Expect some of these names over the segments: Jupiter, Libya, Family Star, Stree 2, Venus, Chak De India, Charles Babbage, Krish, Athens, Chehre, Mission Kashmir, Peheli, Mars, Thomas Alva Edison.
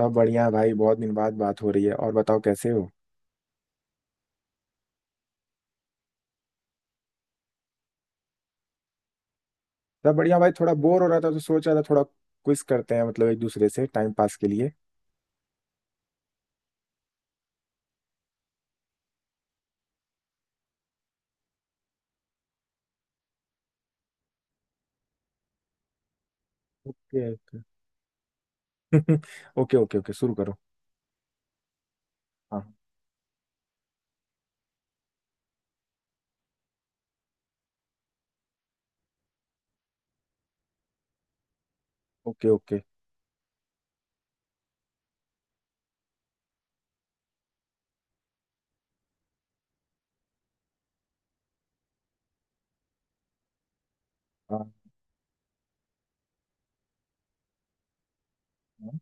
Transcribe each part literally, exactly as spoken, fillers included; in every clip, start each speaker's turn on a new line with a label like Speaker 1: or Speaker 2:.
Speaker 1: सब बढ़िया है भाई, बहुत दिन बाद बात हो रही है। और बताओ कैसे हो? सब बढ़िया भाई, थोड़ा बोर हो रहा था तो सोच रहा था थोड़ा क्विज करते हैं मतलब एक दूसरे से टाइम पास के लिए। ओके, ओके, ओके, ओके, शुरू करो। हाँ। Okay, okay. हाँ, हाँ।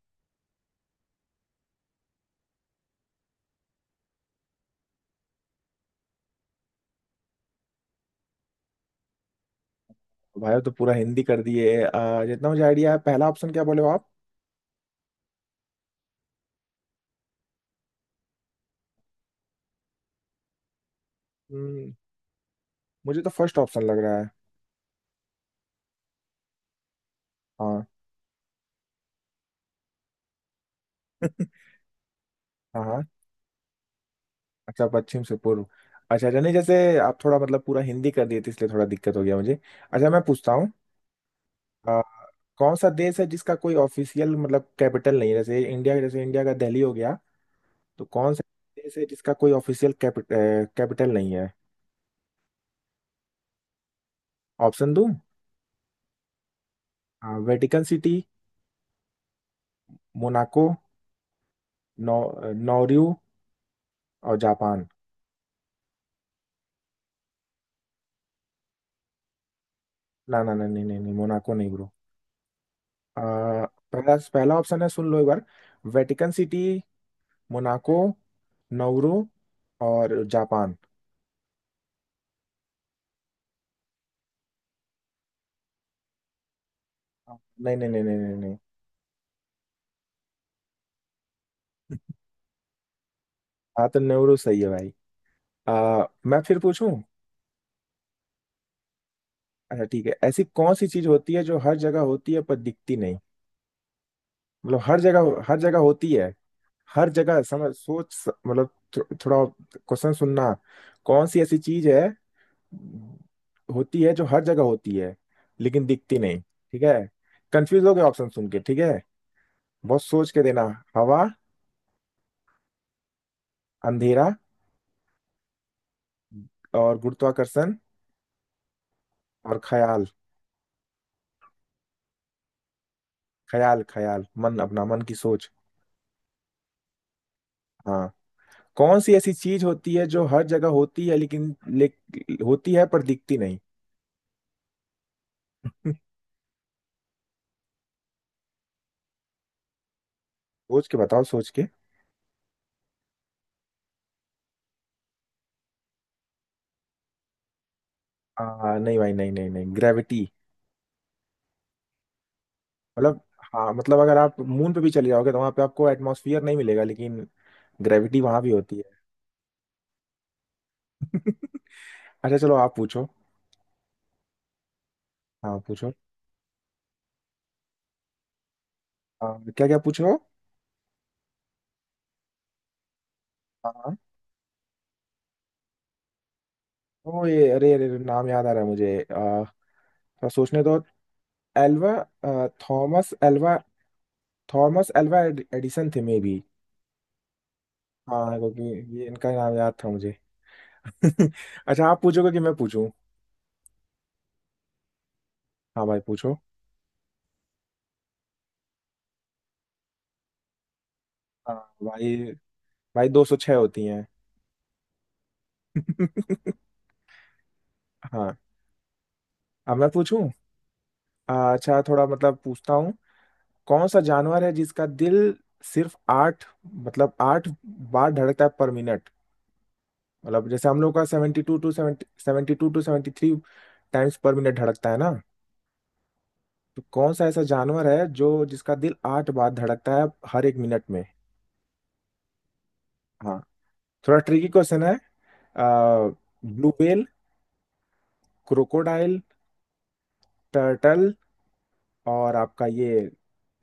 Speaker 1: भाई, तो पूरा हिंदी कर दिए, आ, जितना मुझे आइडिया है। पहला ऑप्शन क्या बोले हो आप? हम्म, मुझे तो फर्स्ट ऑप्शन लग रहा है। हाँ। हाँ, हाँ। अच्छा, पश्चिम से पूर्व। अच्छा, अच्छा, नहीं जैसे। आप थोड़ा मतलब पूरा हिंदी कर दिए थे, इसलिए थोड़ा दिक्कत हो गया मुझे। अच्छा, मैं पूछता हूँ। कौन सा देश है जिसका कोई ऑफिशियल मतलब कैपिटल नहीं है? जैसे इंडिया जैसे इंडिया का दिल्ली हो गया। तो कौन सा देश है जिसका कोई ऑफिशियल कैपिटल नहीं है? ऑप्शन दूं? हाँ, वेटिकन सिटी। मोनाको। नौ नौरू। और जापान। ना, ना, ना, नहीं, नहीं, नहीं, मोनाको नहीं ब्रो। आ, पहला पहला ऑप्शन है, सुन लो एक बार। Vatican City. मोनाको। नौरू। और जापान। नहीं, नहीं, नहीं, नहीं, नहीं, नहीं। हाँ, तो नौरू सही है भाई। आ, मैं फिर पूछूं? अच्छा, ठीक है। ऐसी कौन सी चीज होती है जो हर जगह होती है पर दिखती नहीं? मतलब हर जगह हर जगह होती है। हर जगह समझ सोच स- मतलब, थो, थोड़ा क्वेश्चन सुनना। कौन सी ऐसी चीज है, होती है जो हर जगह होती है, लेकिन दिखती नहीं? ठीक है। कंफ्यूज हो गए ऑप्शन सुन के? ठीक है। बहुत सोच के देना। हवा। अंधेरा। और गुरुत्वाकर्षण। और ख्याल। ख्याल, ख्याल, मन, अपना मन की सोच। हाँ। कौन सी ऐसी चीज होती है जो हर जगह होती है लेकिन ले, होती है पर दिखती नहीं? सोच के बताओ, सोच के। आ, नहीं भाई, नहीं, नहीं, नहीं, ग्रेविटी। मतलब, हाँ मतलब अगर आप मून पे भी चले जाओगे तो वहां पे आपको एटमॉस्फियर नहीं मिलेगा, लेकिन ग्रेविटी वहां भी होती है। अच्छा, चलो आप पूछो। हाँ, पूछो। आ, क्या क्या पूछो? हाँ। ओ ये, अरे, अरे, अरे, नाम याद आ रहा है मुझे आ, थोड़ा सोचने दो। एल्वा। आ, Thomas Alva. Thomas Alva Edison थे मे भी। हाँ, क्योंकि ये इनका नाम याद था मुझे। अच्छा, आप पूछोगे कि मैं पूछूं? हाँ भाई, पूछो। हाँ। भाई। भाई, दो सौ छः होती हैं। हाँ। अब मैं पूछूं? आ, अच्छा, थोड़ा मतलब पूछता हूँ। कौन सा जानवर है जिसका दिल सिर्फ आठ, मतलब आठ बार धड़कता है पर मिनट? मतलब जैसे हम लोग का seventy two two seventy, seventy two two seventy three times पर मिनट धड़कता है ना। तो कौन सा ऐसा जानवर है जो जिसका दिल आठ बार धड़कता है हर एक मिनट में? हाँ। थोड़ा ट्रिकी क्वेश्चन है। आ, ब्लू व्हेल। क्रोकोडाइल। टर्टल। और आपका ये,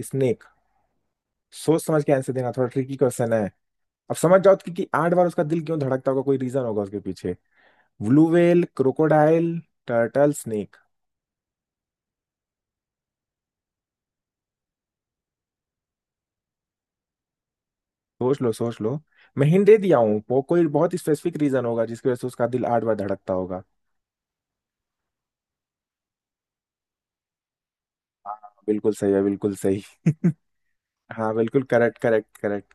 Speaker 1: स्नेक। सोच समझ के आंसर देना, थोड़ा ट्रिकी क्वेश्चन है। अब समझ जाओ कि, कि आठ बार उसका दिल क्यों धड़कता होगा, कोई रीजन होगा उसके पीछे। Blue whale, crocodile, turtle, snake. सोच लो, सोच लो। मैं हिंट दे दिया हूँ, वो कोई बहुत स्पेसिफिक रीजन होगा जिसकी वजह से उसका दिल आठ बार धड़कता होगा। हाँ, बिल्कुल सही है, बिल्कुल सही। हाँ, बिल्कुल करेक्ट, करेक्ट, करेक्ट।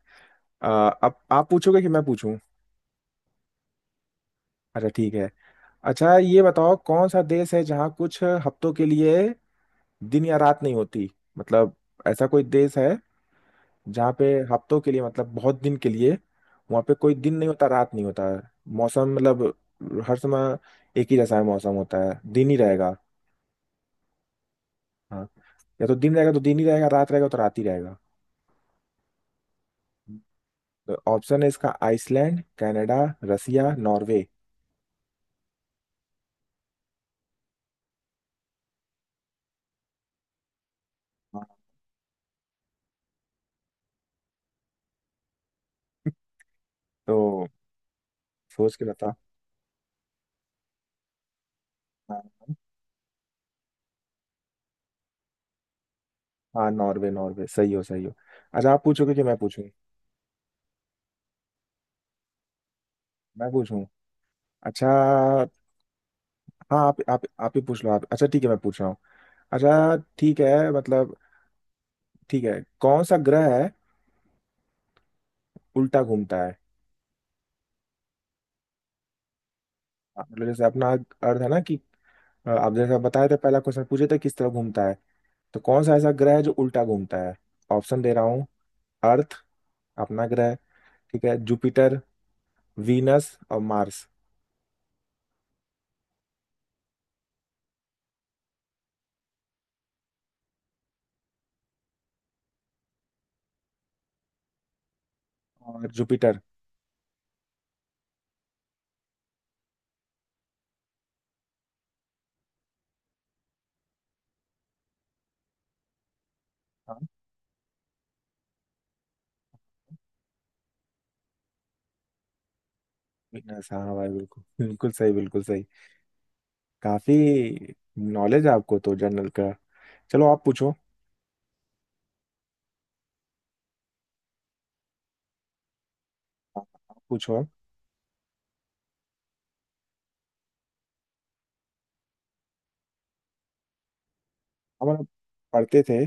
Speaker 1: अब आप पूछोगे कि मैं पूछूं? अच्छा, ठीक है। अच्छा, ये बताओ कौन सा देश है जहाँ कुछ हफ्तों के लिए दिन या रात नहीं होती? मतलब, ऐसा कोई देश है जहाँ पे हफ्तों के लिए, मतलब बहुत दिन के लिए, वहाँ पे कोई दिन नहीं होता, रात नहीं होता है। मौसम मतलब हर समय एक ही जैसा है, मौसम होता है, दिन ही रहेगा। हाँ। या तो दिन रहेगा तो दिन ही रहेगा, रात रहेगा तो रात ही रहेगा। तो ऑप्शन है इसका, आइसलैंड, कनाडा, रसिया, नॉर्वे। हाँ, तो सोच के बता। हाँ। हाँ, नॉर्वे, नॉर्वे सही हो, सही हो। अच्छा, आप पूछोगे कि मैं पूछूं? मैं पूछूं? अच्छा। हाँ, आप आप आप ही पूछ लो। आप, अच्छा, ठीक है, मैं पूछ रहा हूँ। अच्छा, ठीक है, मतलब, ठीक है। कौन सा ग्रह है उल्टा घूमता है? मतलब, जैसे अपना अर्थ है ना कि अ, आप जैसा बताए थे, पहला क्वेश्चन पूछे थे, किस तरह घूमता है। तो कौन सा ऐसा ग्रह है जो उल्टा घूमता है? ऑप्शन दे रहा हूँ। अर्थ, अपना ग्रह। ठीक है, जुपिटर, वीनस और मार्स। और जुपिटर। हाँ। वीनस, हाँ भाई, बिल्कुल, बिल्कुल सही, बिल्कुल सही। काफी नॉलेज है आपको तो जनरल का। चलो, आप पूछो। आप पूछो। हम पढ़ते थे।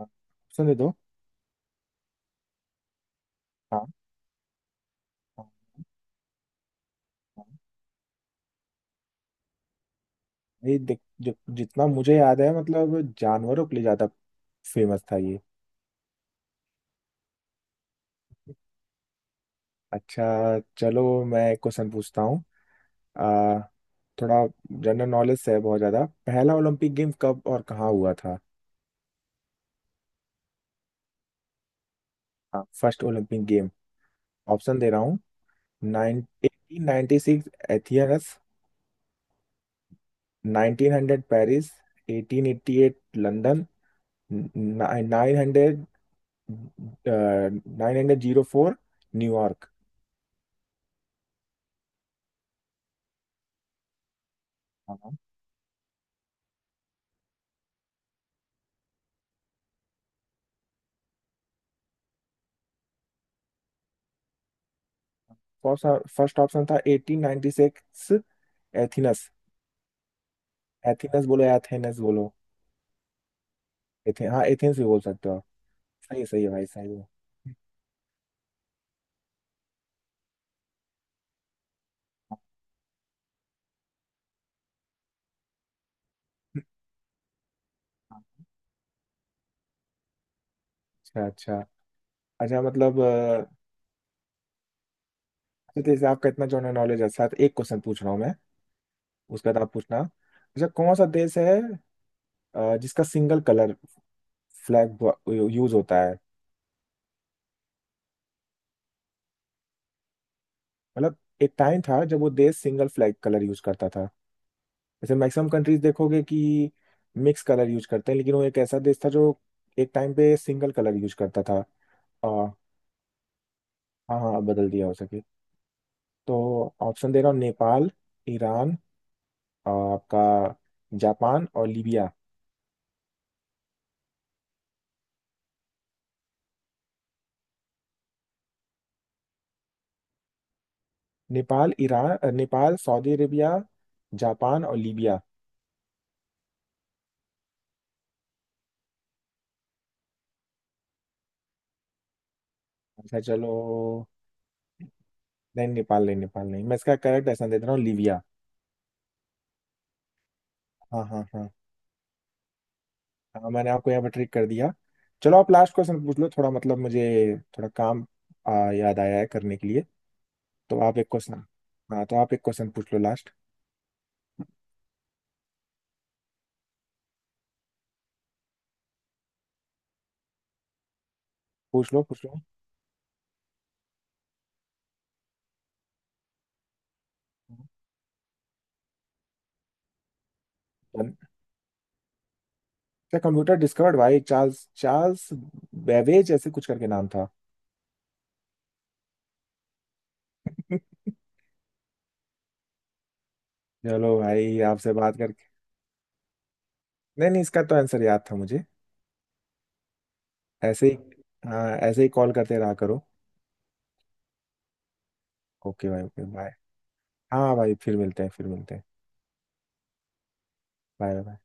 Speaker 1: ऑप्शन दे दो। हाँ, हाँ, हाँ। ये देख, जो जितना मुझे याद है, मतलब जानवरों के लिए ज्यादा फेमस था ये। अच्छा, चलो मैं एक क्वेश्चन पूछता हूँ। आ, थोड़ा जनरल नॉलेज से है बहुत ज्यादा। पहला ओलंपिक गेम कब और कहाँ हुआ था? हाँ, फर्स्ट ओलंपिक गेम। ऑप्शन दे रहा हूँ। Nine eighteen ninety six, Athens. Nineteen hundred, Paris. Eighteen eighty eight, London. Nine hundred nine hundred zero four, New York. First option था eighteen ninety six, Athens. Athens बोलो या एथेनस बोलो। एथे, हाँ, एथेंस भी बोल सकते हो। सही है, सही है भाई, सही है। अच्छा, अच्छा, अच्छा, मतलब अ, तो जैसे आपका इतना जनरल नॉलेज है, साथ एक क्वेश्चन पूछ रहा हूँ मैं। उसका बाद आप पूछना। अच्छा, कौन सा देश है अ, जिसका सिंगल कलर फ्लैग यूज होता है? मतलब, एक टाइम था जब वो देश सिंगल फ्लैग कलर यूज करता था। जैसे मैक्सिमम कंट्रीज देखोगे कि मिक्स कलर यूज करते हैं, लेकिन वो एक ऐसा देश था जो एक टाइम पे सिंगल कलर यूज करता था। आ, हाँ, हाँ, अब बदल दिया हो सके। तो ऑप्शन दे रहा हूँ। नेपाल, ईरान, आ, आपका जापान और लीबिया। नेपाल, ईरान, अ, नेपाल, सऊदी अरेबिया, जापान और लीबिया। अच्छा, चलो। नहीं, नेपाल नहीं, नेपाल नहीं, मैं इसका करेक्ट ऐसा दे रहा हूँ, लीबिया। हाँ, हाँ, हाँ। हाँ, मैंने आपको यहाँ पर ट्रिक कर दिया। चलो, आप लास्ट क्वेश्चन पूछ लो, थोड़ा मतलब मुझे थोड़ा काम आ, याद आया है करने के लिए। तो आप एक क्वेश्चन, हाँ, तो आप एक क्वेश्चन पूछ लो लास्ट। पूछ लो, पूछ लो। अच्छा। कंप्यूटर डिस्कवर्ड भाई, चार्ल्स चार्ल्स बेबेज ऐसे कुछ करके नाम था। चलो भाई, आपसे बात करके। नहीं, नहीं, इसका तो आंसर याद था मुझे। ऐसे ही। हाँ, ऐसे ही कॉल करते रहा करो। ओके भाई, ओके, बाय। हाँ भाई, फिर मिलते हैं, फिर मिलते हैं। बाय।